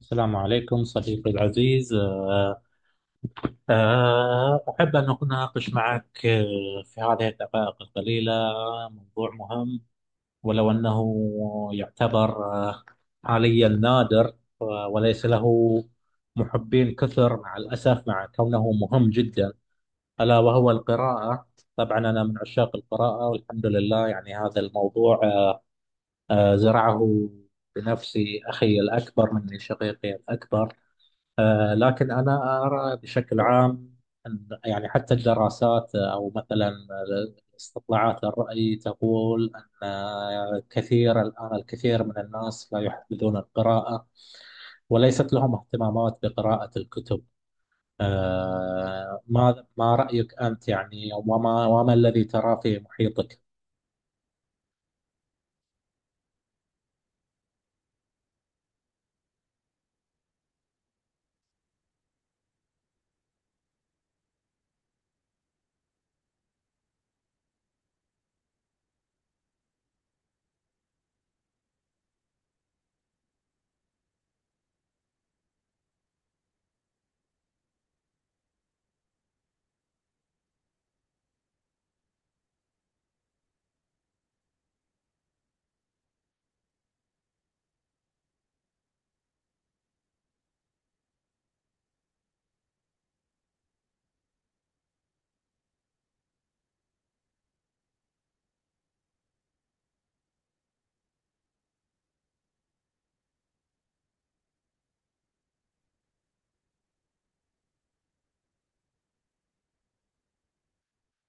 السلام عليكم صديقي العزيز أحب أن أناقش معك في هذه الدقائق القليلة موضوع مهم، ولو أنه يعتبر حاليا نادر، وليس له محبين كثر مع الأسف مع كونه مهم جدا، ألا وهو القراءة. طبعا أنا من عشاق القراءة والحمد لله، يعني هذا الموضوع زرعه بنفسي أخي الأكبر مني، شقيقي الأكبر. لكن أنا أرى بشكل عام أن يعني حتى الدراسات أو مثلا استطلاعات الرأي تقول أن كثير الآن، الكثير من الناس لا يحبذون القراءة وليست لهم اهتمامات بقراءة الكتب. ما رأيك أنت يعني، وما الذي تراه في محيطك؟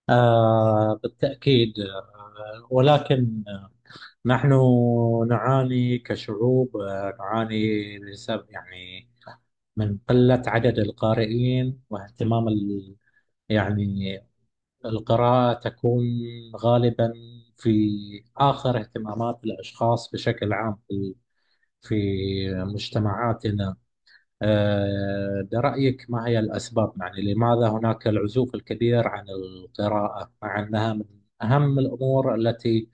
آه، بالتأكيد آه، ولكن نحن نعاني كشعوب، نعاني بسبب يعني من قلة عدد القارئين واهتمام ال... يعني القراءة تكون غالبا في آخر اهتمامات الأشخاص بشكل عام في في مجتمعاتنا. ده رأيك، ما هي الأسباب يعني؟ لماذا هناك العزوف الكبير عن القراءة مع أنها من أهم الأمور التي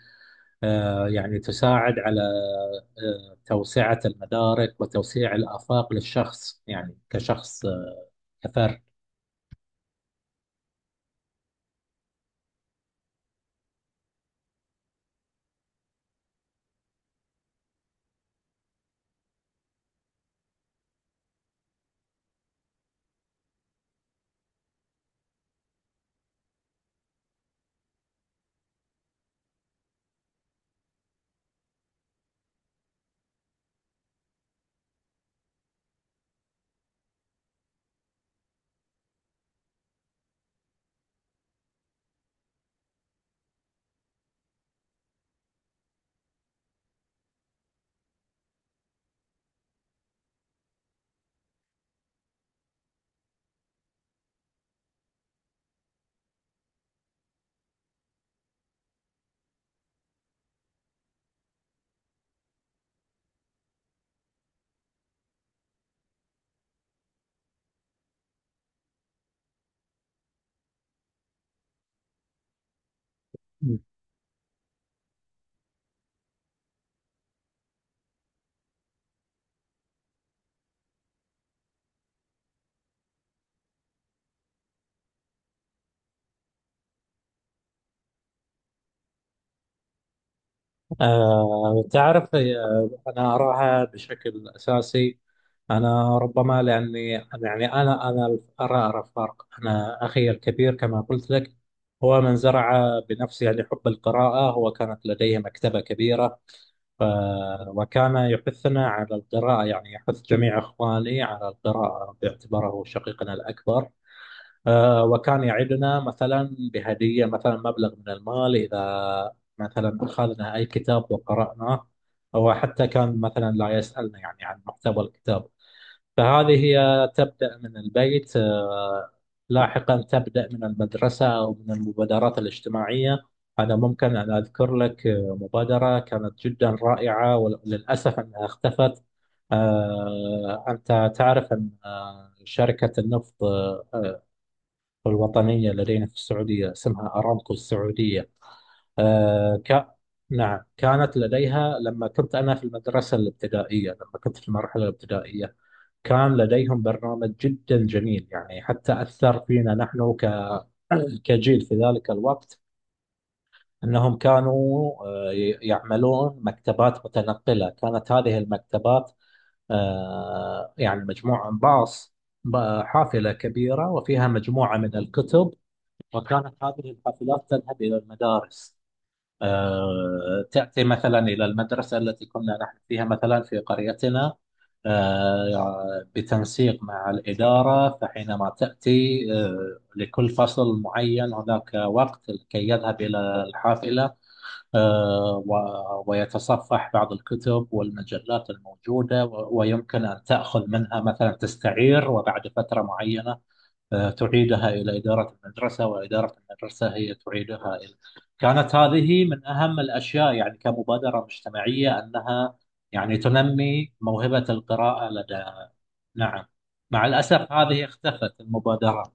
يعني تساعد على توسعة المدارك وتوسيع الآفاق للشخص، يعني كشخص، كفرد. تعرف، أنا أراها بشكل أساسي، أنا ربما لأني يعني أنا أرى فرق. أنا أخي الكبير كما قلت لك هو من زرع بنفسه يعني حب القراءة، هو كانت لديه مكتبة كبيرة، ف- وكان يحثنا على القراءة، يعني يحث جميع إخواني على القراءة باعتباره شقيقنا الأكبر. وكان يعدنا مثلا بهدية، مثلا مبلغ من المال إذا مثلا أخذنا أي كتاب وقرأناه، أو حتى كان مثلا لا يسألنا يعني عن محتوى الكتاب. فهذه هي تبدأ من البيت، لاحقا تبدأ من المدرسة أو من المبادرات الاجتماعية. أنا ممكن أن أذكر لك مبادرة كانت جدا رائعة وللأسف أنها اختفت. أنت تعرف أن شركة النفط الوطنية لدينا في السعودية اسمها أرامكو السعودية، آه، ك... نعم، كانت لديها لما كنت أنا في المدرسة الابتدائية، لما كنت في المرحلة الابتدائية كان لديهم برنامج جدا جميل، يعني حتى أثر فينا نحن كجيل في ذلك الوقت. أنهم كانوا يعملون مكتبات متنقلة. كانت هذه المكتبات يعني مجموعة من باص، حافلة كبيرة وفيها مجموعة من الكتب، وكانت هذه الحافلات تذهب إلى المدارس. تأتي مثلا إلى المدرسة التي كنا نحن فيها، مثلا في قريتنا، بتنسيق مع الإدارة. فحينما تأتي لكل فصل معين هناك وقت لكي يذهب إلى الحافلة ويتصفح بعض الكتب والمجلات الموجودة، ويمكن أن تأخذ منها مثلا، تستعير، وبعد فترة معينة تعيدها إلى إدارة المدرسة، وإدارة المدرسة هي تعيدها إلى. كانت هذه من أهم الأشياء يعني كمبادرة مجتمعية، أنها يعني تنمي موهبة القراءة لدى. نعم. مع الأسف هذه اختفت المبادرات.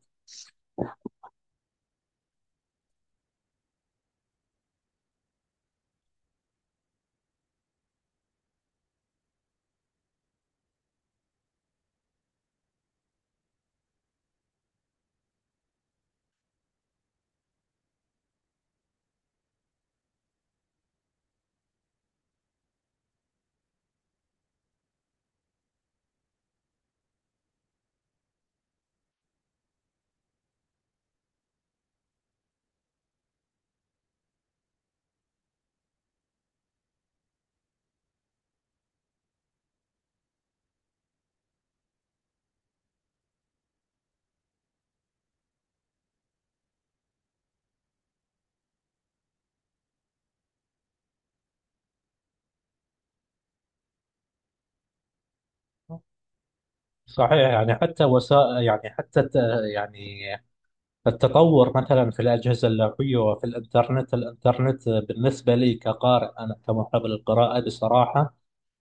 صحيح، يعني حتى وسائل، يعني يعني التطور مثلا في الأجهزة اللوحية وفي الإنترنت. الإنترنت بالنسبة لي كقارئ، أنا كمحب للقراءة بصراحة،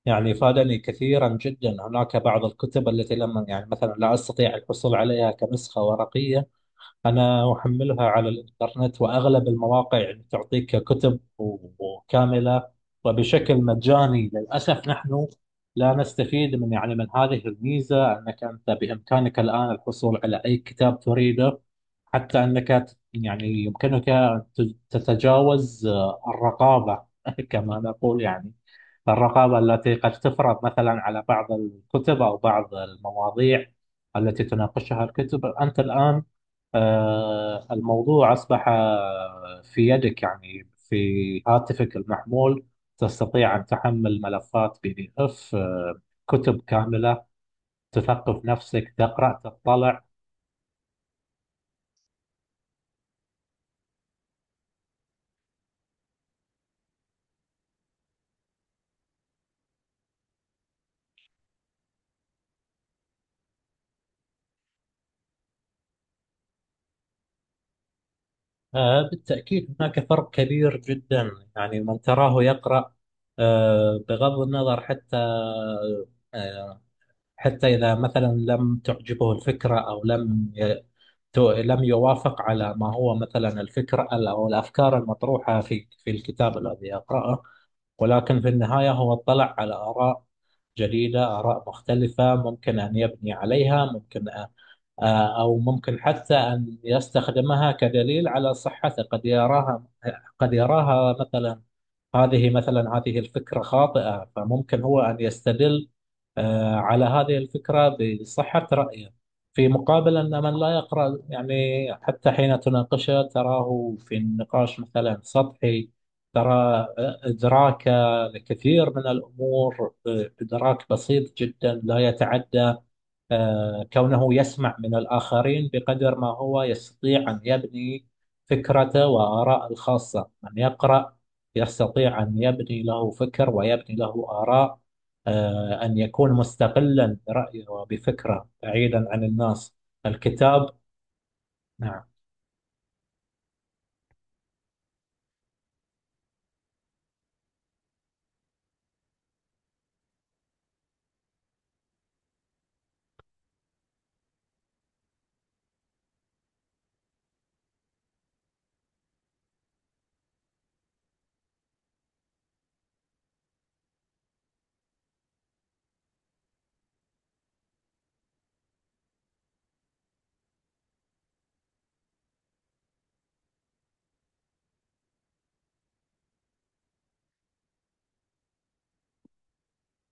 يعني فادني كثيرا جدا. هناك بعض الكتب التي لم يعني مثلا لا أستطيع الحصول عليها كنسخة ورقية، أنا أحملها على الإنترنت. وأغلب المواقع يعني تعطيك كتب وكاملة وبشكل مجاني. للأسف نحن لا نستفيد من يعني من هذه الميزة، أنك أنت بإمكانك الآن الحصول على أي كتاب تريده. حتى أنك يعني يمكنك تتجاوز الرقابة كما نقول، يعني الرقابة التي قد تفرض مثلا على بعض الكتب أو بعض المواضيع التي تناقشها الكتب. أنت الآن الموضوع أصبح في يدك، يعني في هاتفك المحمول تستطيع أن تحمل ملفات بي دي إف، كتب كاملة، تثقف نفسك، تقرأ، تطلع. بالتأكيد هناك فرق كبير جدا. يعني من تراه يقرأ بغض النظر حتى آه، حتى إذا مثلا لم تعجبه الفكرة أو لم ي- تو- لم يوافق على ما هو مثلا الفكرة أو الأفكار المطروحة في الكتاب الذي يقرأه، ولكن في النهاية هو اطلع على آراء جديدة، آراء مختلفة ممكن أن يبني عليها، ممكن أ- آه، أو ممكن حتى أن يستخدمها كدليل على صحته. قد يراها، قد يراها مثلا، هذه مثلا هذه الفكرة خاطئة، فممكن هو أن يستدل على هذه الفكرة بصحة رأيه. في مقابل أن من لا يقرأ يعني حتى حين تناقشه تراه في النقاش مثلا سطحي، ترى إدراكه لكثير من الأمور إدراك بسيط جدا، لا يتعدى كونه يسمع من الآخرين بقدر ما هو يستطيع أن يبني فكرته وآراء الخاصة. من يقرأ يستطيع أن يبني له فكر ويبني له آراء، أن يكون مستقلا برأيه وبفكره بعيدا عن الناس، الكتاب. نعم،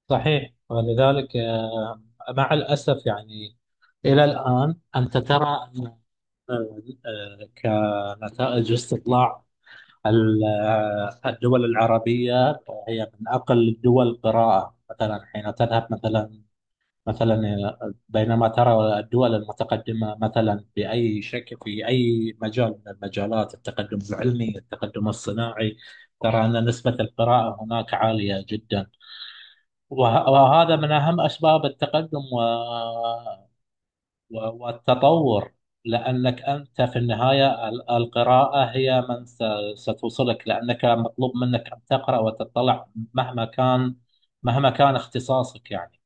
صحيح، ولذلك مع الأسف يعني إلى الآن أنت ترى آه، كنتائج استطلاع، ال- الدول العربية هي من أقل الدول قراءة. مثلا حين تذهب مثلا، مثلا بينما ترى الدول المتقدمة مثلا بأي شكل في أي مجال من المجالات، التقدم العلمي، التقدم الصناعي، ترى أن نسبة القراءة هناك عالية جدا. وهذا من أهم أسباب التقدم والتطور، لأنك أنت في النهاية القراءة هي ستوصلك، لأنك مطلوب منك أن تقرأ وتطلع مهما كان، مهما كان اختصاصك يعني.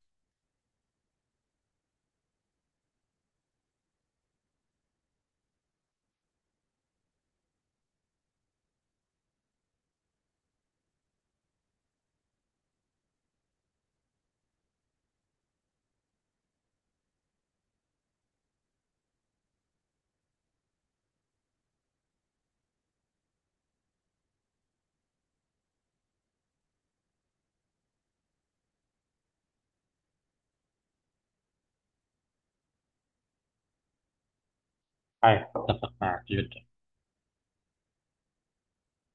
أيوة، أتفق معك جدا.